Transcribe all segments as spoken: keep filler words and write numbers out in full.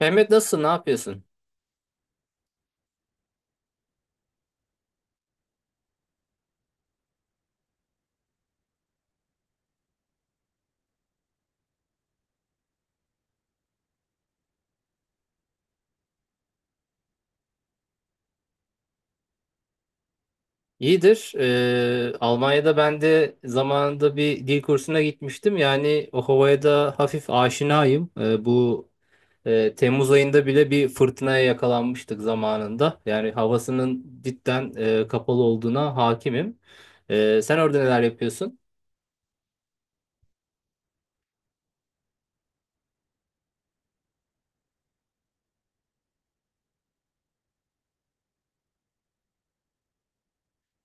Mehmet nasılsın? Ne yapıyorsun? İyidir. Ee, Almanya'da ben de zamanında bir dil kursuna gitmiştim. Yani o havaya da hafif aşinayım. Ee, bu e, Temmuz ayında bile bir fırtınaya yakalanmıştık zamanında. Yani havasının cidden e, kapalı olduğuna hakimim. Ee, sen orada neler yapıyorsun?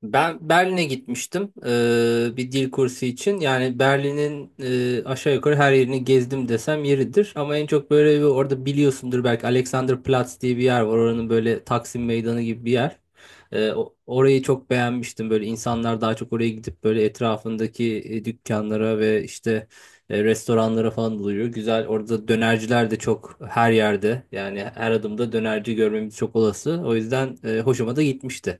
Ben Berlin'e gitmiştim eee, bir dil kursu için. Yani Berlin'in eee, aşağı yukarı her yerini gezdim desem yeridir. Ama en çok böyle bir orada biliyorsundur belki Alexanderplatz diye bir yer var. Oranın böyle Taksim Meydanı gibi bir yer. Eee, o- orayı çok beğenmiştim. Böyle insanlar daha çok oraya gidip böyle etrafındaki e, dükkanlara ve işte e, restoranlara falan doluyor. Güzel. Orada dönerciler de çok her yerde. Yani her adımda dönerci görmemiz çok olası. O yüzden e, hoşuma da gitmişti.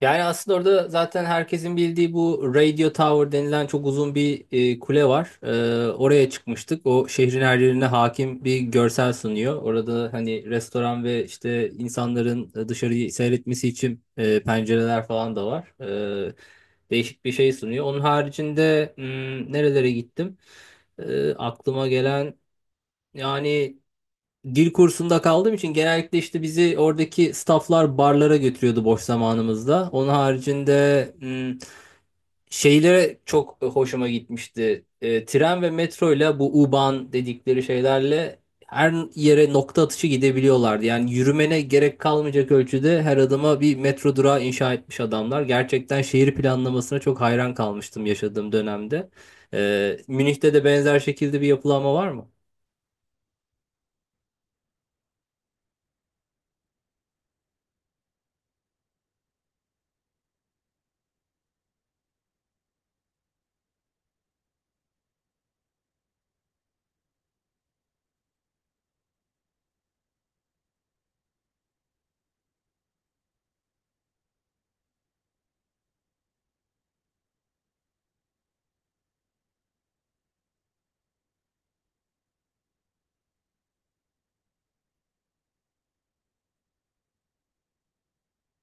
Yani aslında orada zaten herkesin bildiği bu Radio Tower denilen çok uzun bir e, kule var. E, oraya çıkmıştık. O şehrin her yerine hakim bir görsel sunuyor. Orada hani restoran ve işte insanların dışarıyı seyretmesi için e, pencereler falan da var. E, Değişik bir şey sunuyor. Onun haricinde hmm, nerelere gittim? E, aklıma gelen yani Dil kursunda kaldığım için genellikle işte bizi oradaki stafflar barlara götürüyordu boş zamanımızda. Onun haricinde hmm, şeylere çok hoşuma gitmişti. E, tren ve metroyla bu U-Bahn dedikleri şeylerle her yere nokta atışı gidebiliyorlardı. Yani yürümene gerek kalmayacak ölçüde her adıma bir metro durağı inşa etmiş adamlar. Gerçekten şehir planlamasına çok hayran kalmıştım yaşadığım dönemde. E, Münih'te de benzer şekilde bir yapılanma var mı?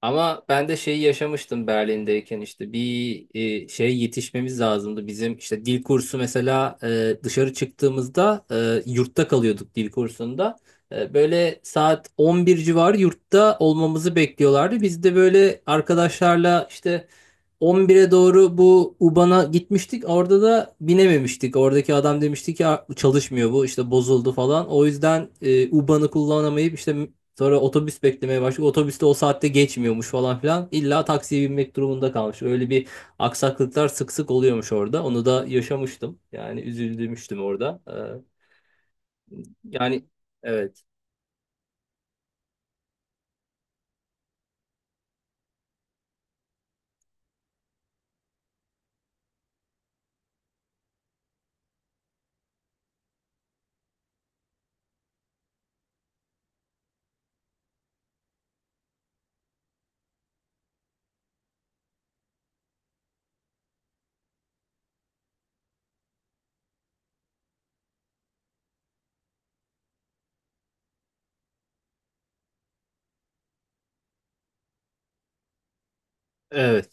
Ama ben de şeyi yaşamıştım Berlin'deyken işte bir e, şey yetişmemiz lazımdı. Bizim işte dil kursu mesela e, dışarı çıktığımızda e, yurtta kalıyorduk dil kursunda. E, böyle saat on bir civarı yurtta olmamızı bekliyorlardı. Biz de böyle arkadaşlarla işte on bire doğru bu u ban'a gitmiştik. Orada da binememiştik. Oradaki adam demişti ki "Aa, çalışmıyor bu işte bozuldu falan. O yüzden e, u banı kullanamayıp işte sonra otobüs beklemeye başladık. Otobüste o saatte geçmiyormuş falan filan. İlla taksiye binmek durumunda kalmış. Öyle bir aksaklıklar sık sık oluyormuş orada. Onu da yaşamıştım. Yani üzüldümüştüm orada. Ee, yani evet. Evet.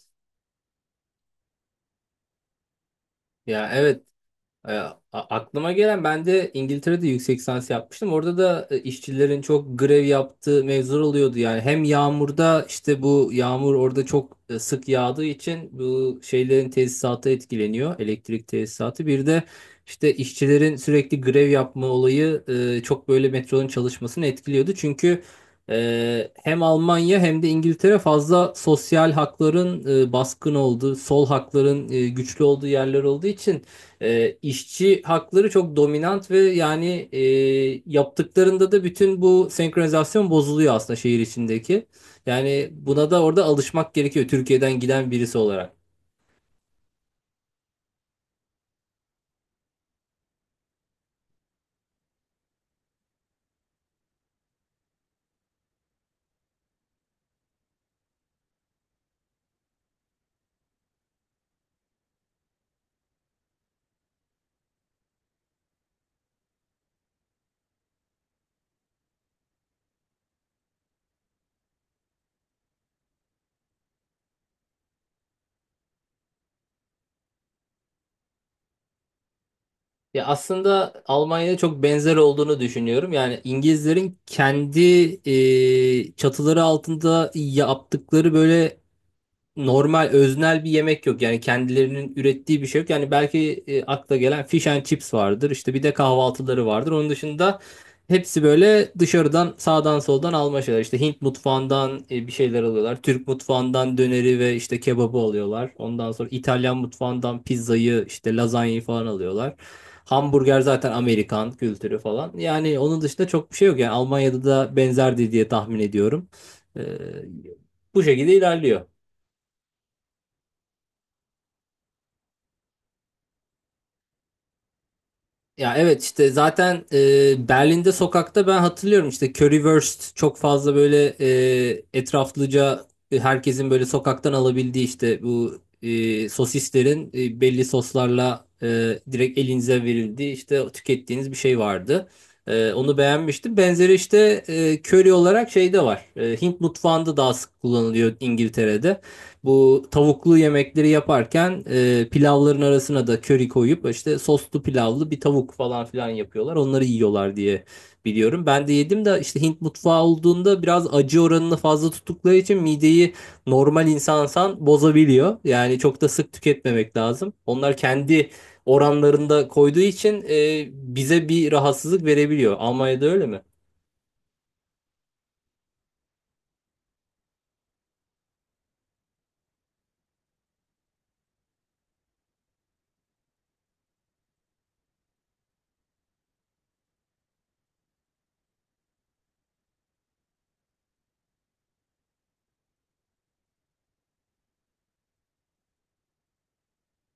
Ya evet. E, a- aklıma gelen Ben de İngiltere'de yüksek lisans yapmıştım. Orada da e, işçilerin çok grev yaptığı mevzular oluyordu. Yani hem yağmurda işte bu yağmur orada çok e, sık yağdığı için bu şeylerin tesisatı etkileniyor. Elektrik tesisatı. Bir de işte işçilerin sürekli grev yapma olayı e, çok böyle metronun çalışmasını etkiliyordu. Çünkü e, hem Almanya hem de İngiltere fazla sosyal hakların e, baskın olduğu, sol hakların e, güçlü olduğu yerler olduğu için e, işçi hakları çok dominant ve yani e, yaptıklarında da bütün bu senkronizasyon bozuluyor aslında şehir içindeki. Yani buna da orada alışmak gerekiyor Türkiye'den giden birisi olarak. Ya aslında Almanya'ya çok benzer olduğunu düşünüyorum. Yani İngilizlerin kendi e, çatıları altında yaptıkları böyle normal öznel bir yemek yok. Yani kendilerinin ürettiği bir şey yok. Yani belki e, akla gelen fish and chips vardır. İşte bir de kahvaltıları vardır. Onun dışında hepsi böyle dışarıdan sağdan soldan alma şeyler. İşte Hint mutfağından e, bir şeyler alıyorlar. Türk mutfağından döneri ve işte kebabı alıyorlar. Ondan sonra İtalyan mutfağından pizzayı, işte lazanyayı falan alıyorlar. Hamburger zaten Amerikan kültürü falan. Yani onun dışında çok bir şey yok. Yani Almanya'da da benzerdi diye tahmin ediyorum. Ee, Bu şekilde ilerliyor. Ya evet işte zaten e, Berlin'de sokakta ben hatırlıyorum işte Currywurst çok fazla böyle e, etraflıca e, herkesin böyle sokaktan alabildiği işte bu e, sosislerin e, belli soslarla e, direkt elinize verildiği işte tükettiğiniz bir şey vardı. E, onu beğenmiştim. Benzeri işte e, curry olarak şeyde var. E, Hint mutfağında daha sık kullanılıyor İngiltere'de. Bu tavuklu yemekleri yaparken e, pilavların arasına da köri koyup işte soslu pilavlı bir tavuk falan filan yapıyorlar. Onları yiyorlar diye biliyorum. Ben de yedim de işte Hint mutfağı olduğunda biraz acı oranını fazla tuttukları için mideyi normal insansan bozabiliyor. Yani çok da sık tüketmemek lazım. Onlar kendi oranlarında koyduğu için e, bize bir rahatsızlık verebiliyor. Almanya'da öyle mi?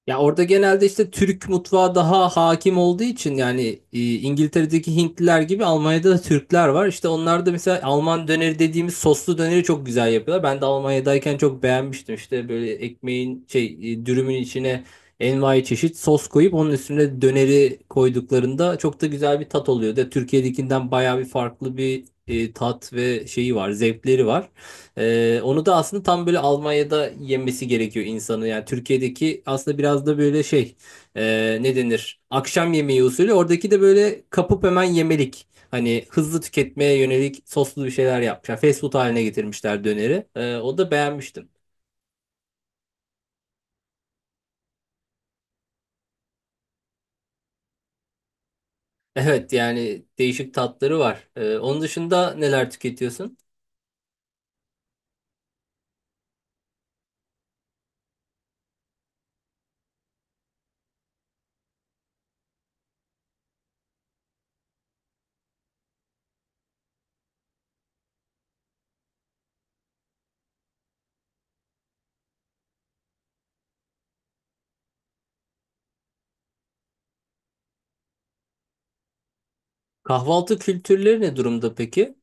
Ya orada genelde işte Türk mutfağı daha hakim olduğu için yani e, İngiltere'deki Hintliler gibi Almanya'da da Türkler var. İşte onlar da mesela Alman döneri dediğimiz soslu döneri çok güzel yapıyorlar. Ben de Almanya'dayken çok beğenmiştim. İşte böyle ekmeğin şey e, dürümün içine envai çeşit sos koyup onun üstüne döneri koyduklarında çok da güzel bir tat oluyor. De Türkiye'dekinden bayağı bir farklı bir e, tat ve şeyi var, zevkleri var. Ee, onu da aslında tam böyle Almanya'da yemesi gerekiyor insanı. Yani Türkiye'deki aslında biraz da böyle şey e, ne denir? Akşam yemeği usulü. Oradaki de böyle kapıp hemen yemelik. Hani hızlı tüketmeye yönelik soslu bir şeyler yapmışlar. Fast food haline getirmişler döneri. Ee, o da beğenmiştim. Evet yani değişik tatları var. Ee, onun dışında neler tüketiyorsun? Kahvaltı kültürleri ne durumda peki?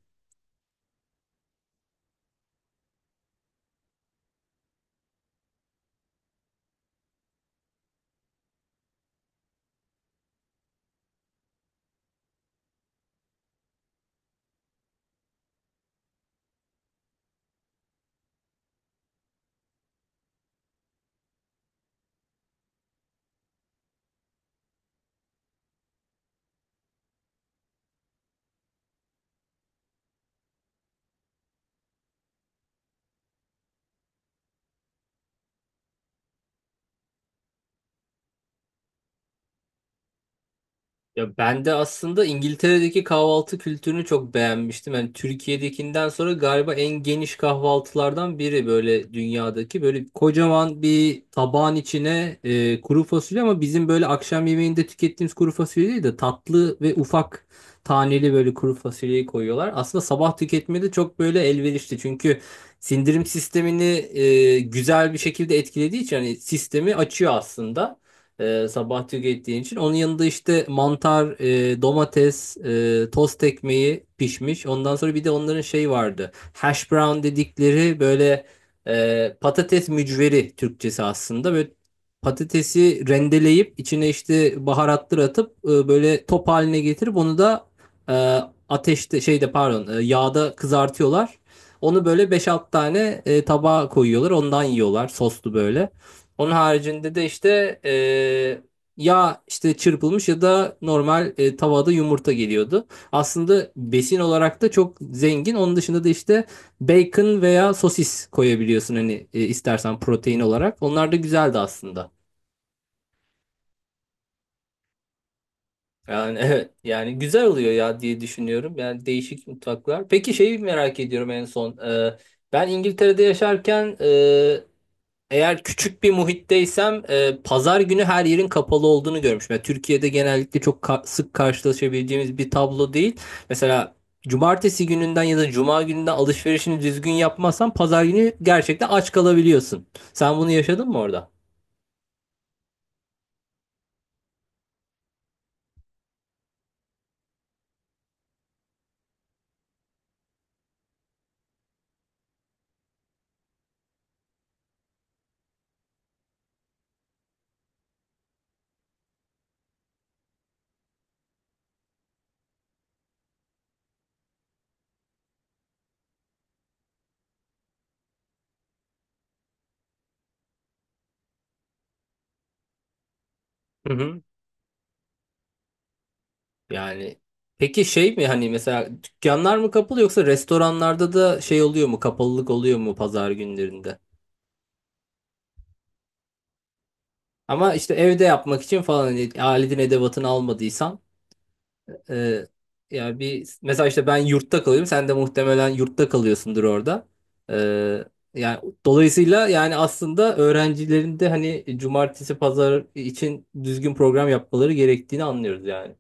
Ya ben de aslında İngiltere'deki kahvaltı kültürünü çok beğenmiştim. Yani Türkiye'dekinden sonra galiba en geniş kahvaltılardan biri böyle dünyadaki. Böyle kocaman bir tabağın içine e, kuru fasulye ama bizim böyle akşam yemeğinde tükettiğimiz kuru fasulye değil de tatlı ve ufak taneli böyle kuru fasulyeyi koyuyorlar. Aslında sabah tüketmede çok böyle elverişli. Çünkü sindirim sistemini e, güzel bir şekilde etkilediği için hani sistemi açıyor aslında e, sabah tükettiğin için. Onun yanında işte mantar, e, domates, e, tost ekmeği pişmiş. Ondan sonra bir de onların şey vardı. Hash brown dedikleri böyle e, patates mücveri Türkçesi aslında. Böyle patatesi rendeleyip içine işte baharatlar atıp e, böyle top haline getirip onu da e, ateşte şeyde pardon e, yağda kızartıyorlar. Onu böyle beş altı tane e, tabağa koyuyorlar. Ondan yiyorlar soslu böyle. Onun haricinde de işte e, ya işte çırpılmış ya da normal e, tavada yumurta geliyordu. Aslında besin olarak da çok zengin. Onun dışında da işte bacon veya sosis koyabiliyorsun hani e, istersen protein olarak. Onlar da güzeldi aslında. Yani evet yani güzel oluyor ya diye düşünüyorum. Yani değişik mutfaklar. Peki şeyi merak ediyorum en son. E, ben İngiltere'de yaşarken eğer küçük bir muhitteysem e, pazar günü her yerin kapalı olduğunu görmüşüm. Yani Türkiye'de genellikle çok ka- sık karşılaşabileceğimiz bir tablo değil. Mesela cumartesi gününden ya da cuma gününden alışverişini düzgün yapmazsan pazar günü gerçekten aç kalabiliyorsun. Sen bunu yaşadın mı orada? Hı hı. Yani peki şey mi hani mesela dükkanlar mı kapalı yoksa restoranlarda da şey oluyor mu, kapalılık oluyor mu pazar günlerinde? Ama işte evde yapmak için falan hani aletin edevatını almadıysan. Ee, Yani bir mesela işte ben yurtta kalıyorum. Sen de muhtemelen yurtta kalıyorsundur orada. Ee, Yani dolayısıyla yani aslında öğrencilerin de hani cumartesi pazar için düzgün program yapmaları gerektiğini anlıyoruz yani.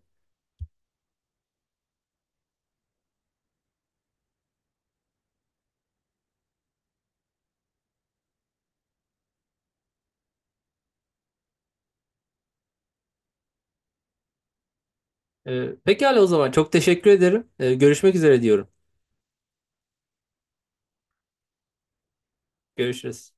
Ee, pekala o zaman çok teşekkür ederim. Ee, görüşmek üzere diyorum. Görüşürüz.